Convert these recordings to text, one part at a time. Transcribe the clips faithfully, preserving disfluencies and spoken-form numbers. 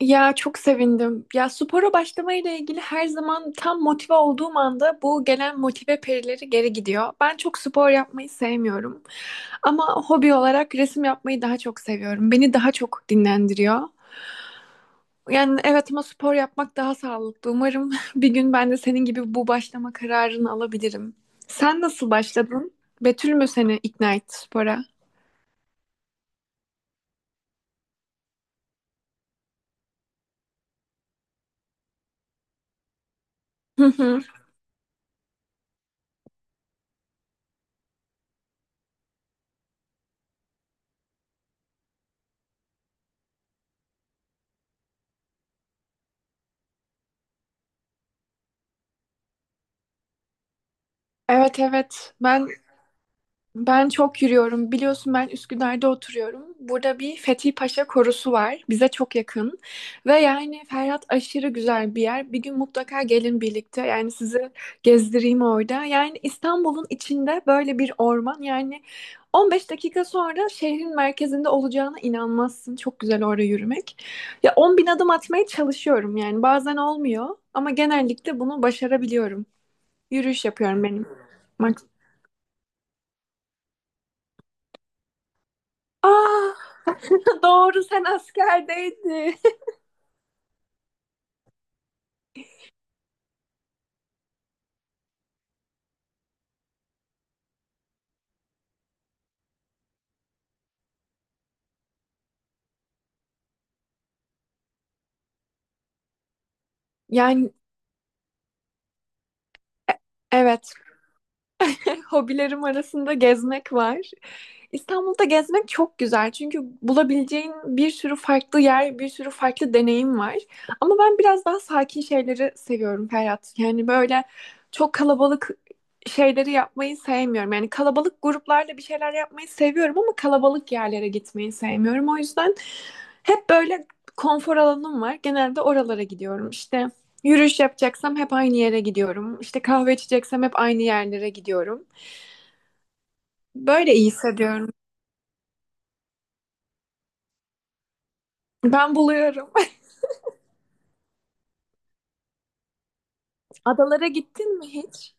Ya çok sevindim. Ya spora başlamayla ilgili her zaman tam motive olduğum anda bu gelen motive perileri geri gidiyor. Ben çok spor yapmayı sevmiyorum. Ama hobi olarak resim yapmayı daha çok seviyorum. Beni daha çok dinlendiriyor. Yani evet ama spor yapmak daha sağlıklı. Umarım bir gün ben de senin gibi bu başlama kararını alabilirim. Sen nasıl başladın? Betül mü seni ikna etti spora? Hı hı. Evet evet. Ben Ben çok yürüyorum. Biliyorsun ben Üsküdar'da oturuyorum. Burada bir Fethi Paşa korusu var. Bize çok yakın. Ve yani Ferhat aşırı güzel bir yer. Bir gün mutlaka gelin birlikte. Yani sizi gezdireyim orada. Yani İstanbul'un içinde böyle bir orman. Yani on beş dakika sonra şehrin merkezinde olacağına inanmazsın. Çok güzel orada yürümek. Ya on bin adım atmaya çalışıyorum. Yani bazen olmuyor. Ama genellikle bunu başarabiliyorum. Yürüyüş yapıyorum benim. Max. Aa! Doğru, sen askerdeydin. Yani e- evet. Hobilerim arasında gezmek var. İstanbul'da gezmek çok güzel çünkü bulabileceğin bir sürü farklı yer, bir sürü farklı deneyim var. Ama ben biraz daha sakin şeyleri seviyorum Ferhat. Yani böyle çok kalabalık şeyleri yapmayı sevmiyorum. Yani kalabalık gruplarla bir şeyler yapmayı seviyorum ama kalabalık yerlere gitmeyi sevmiyorum. O yüzden hep böyle konfor alanım var. Genelde oralara gidiyorum. İşte yürüyüş yapacaksam hep aynı yere gidiyorum. İşte kahve içeceksem hep aynı yerlere gidiyorum. Böyle iyi hissediyorum. Ben buluyorum. Adalara gittin mi hiç?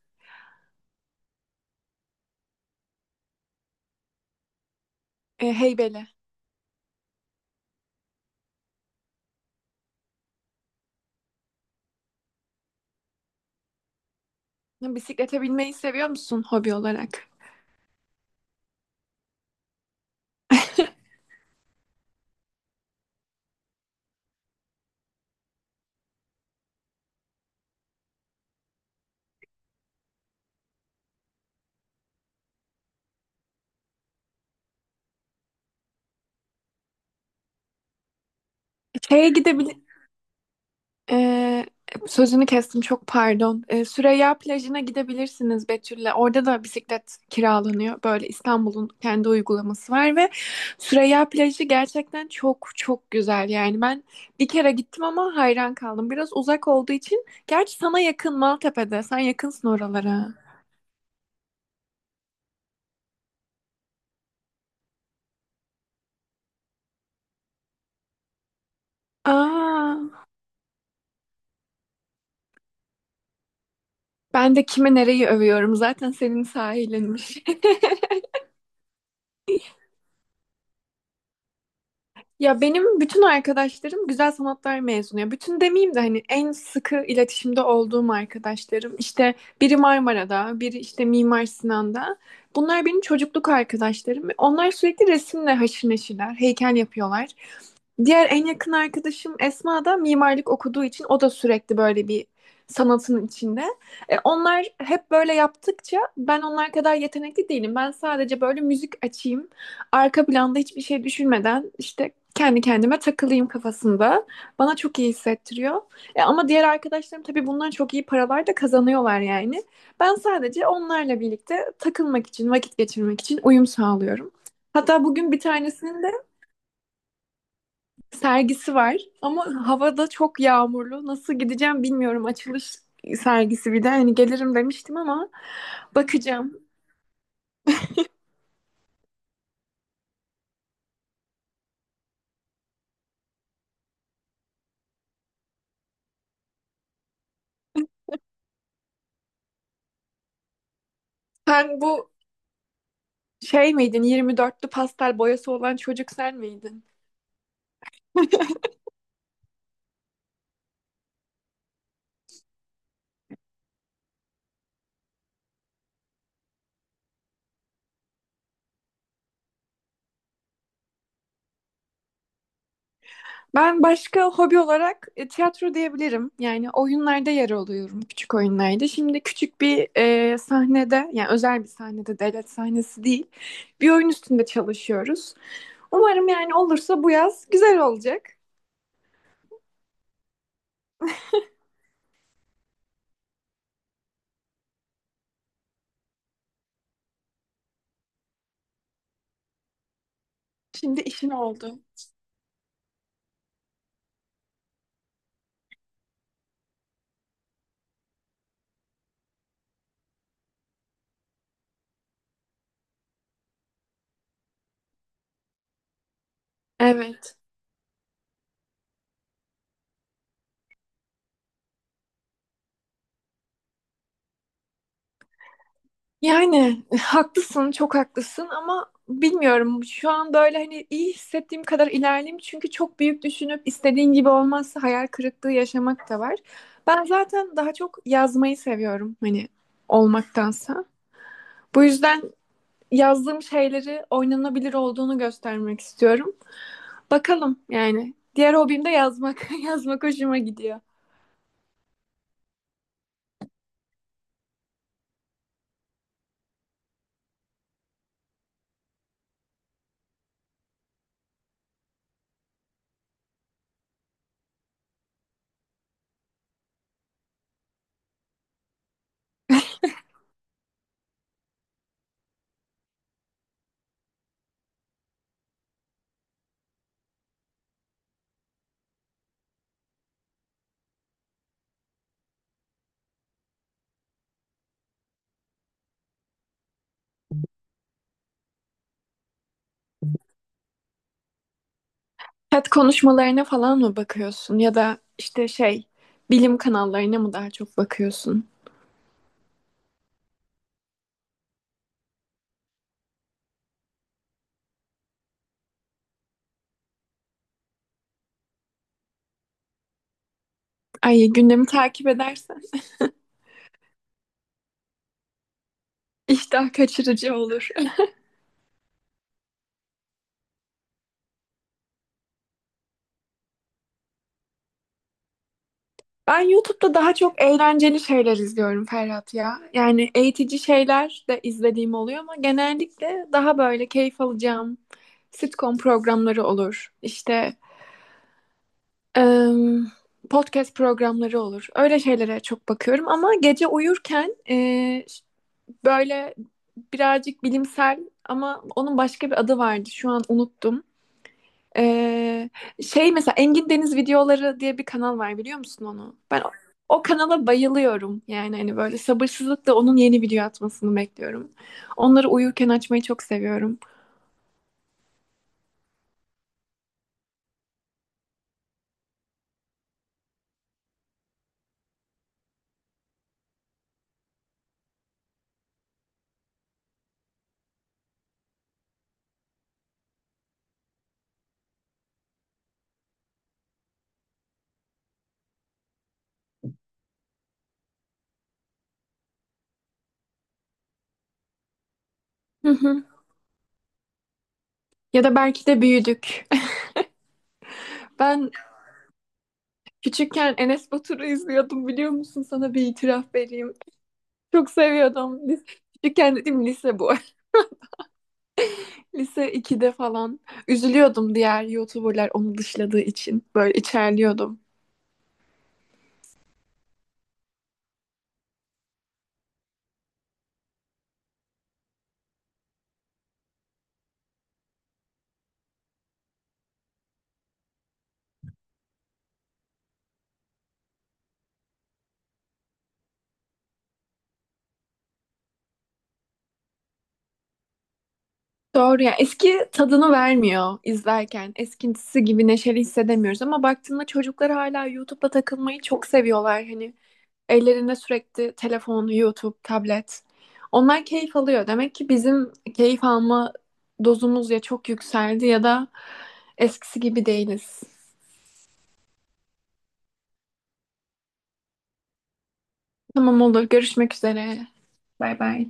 E, Heybeli. Bisiklete binmeyi seviyor musun hobi olarak? Şeye gidebilir... E, Sözünü kestim çok pardon. E, Süreyya plajına gidebilirsiniz Betül'le. Orada da bisiklet kiralanıyor. Böyle İstanbul'un kendi uygulaması var ve Süreyya plajı gerçekten çok çok güzel. Yani ben bir kere gittim ama hayran kaldım. Biraz uzak olduğu için. Gerçi sana yakın Maltepe'de. Sen yakınsın oralara. Aa. Ben de kime nereyi övüyorum zaten senin sahilinmiş. Ya benim bütün arkadaşlarım güzel sanatlar mezunu. Ya bütün demeyeyim de hani en sıkı iletişimde olduğum arkadaşlarım. İşte biri Marmara'da, biri işte Mimar Sinan'da. Bunlar benim çocukluk arkadaşlarım. Onlar sürekli resimle haşır neşirler, heykel yapıyorlar. Diğer en yakın arkadaşım Esma da mimarlık okuduğu için o da sürekli böyle bir sanatın içinde. E, onlar hep böyle yaptıkça ben onlar kadar yetenekli değilim. Ben sadece böyle müzik açayım, arka planda hiçbir şey düşünmeden işte kendi kendime takılayım kafasında. Bana çok iyi hissettiriyor. E, ama diğer arkadaşlarım tabii bundan çok iyi paralar da kazanıyorlar yani. Ben sadece onlarla birlikte takılmak için, vakit geçirmek için uyum sağlıyorum. Hatta bugün bir tanesinin de sergisi var ama havada çok yağmurlu. Nasıl gideceğim bilmiyorum. Açılış sergisi bir de hani gelirim demiştim ama bakacağım. Sen bu şey miydin? yirmi dörtlü pastel boyası olan çocuk sen miydin? Ben başka hobi olarak e, tiyatro diyebilirim. Yani oyunlarda yer alıyorum, küçük oyunlarda. Şimdi küçük bir e, sahnede, yani özel bir sahnede, devlet sahnesi değil, bir oyun üstünde çalışıyoruz. Umarım yani olursa bu yaz güzel olacak. Şimdi işin oldu. Evet. Yani haklısın, çok haklısın ama bilmiyorum. Şu an böyle hani iyi hissettiğim kadar ilerleyeyim. Çünkü çok büyük düşünüp istediğin gibi olmazsa hayal kırıklığı yaşamak da var. Ben zaten daha çok yazmayı seviyorum hani olmaktansa. Bu yüzden yazdığım şeyleri oynanabilir olduğunu göstermek istiyorum. Bakalım yani. Diğer hobim de yazmak. Yazmak hoşuma gidiyor. TED konuşmalarına falan mı bakıyorsun ya da işte şey bilim kanallarına mı daha çok bakıyorsun? Ay gündemi takip edersen iştah kaçırıcı olur. Ben YouTube'da daha çok eğlenceli şeyler izliyorum Ferhat ya. Yani eğitici şeyler de izlediğim oluyor ama genellikle daha böyle keyif alacağım sitcom programları olur. İşte em, podcast programları olur. Öyle şeylere çok bakıyorum ama gece uyurken e, böyle birazcık bilimsel ama onun başka bir adı vardı. Şu an unuttum. Ee, Şey mesela Engin Deniz videoları diye bir kanal var biliyor musun onu? Ben o, o kanala bayılıyorum. Yani hani böyle sabırsızlıkla onun yeni video atmasını bekliyorum. Onları uyurken açmayı çok seviyorum. Hı hı. Ya da belki de büyüdük. Ben küçükken Enes Batur'u izliyordum biliyor musun? Sana bir itiraf vereyim. Çok seviyordum. Lis- Küçükken dedim lise bu. Lise ikide falan üzülüyordum diğer YouTuber'lar onu dışladığı için. Böyle içerliyordum. Doğru ya. Eski tadını vermiyor izlerken. Eskisi gibi neşeli hissedemiyoruz ama baktığında çocuklar hala YouTube'da takılmayı çok seviyorlar. Hani ellerinde sürekli telefon, YouTube, tablet. Onlar keyif alıyor. Demek ki bizim keyif alma dozumuz ya çok yükseldi ya da eskisi gibi değiliz. Tamam olur. Görüşmek üzere. Bay bay.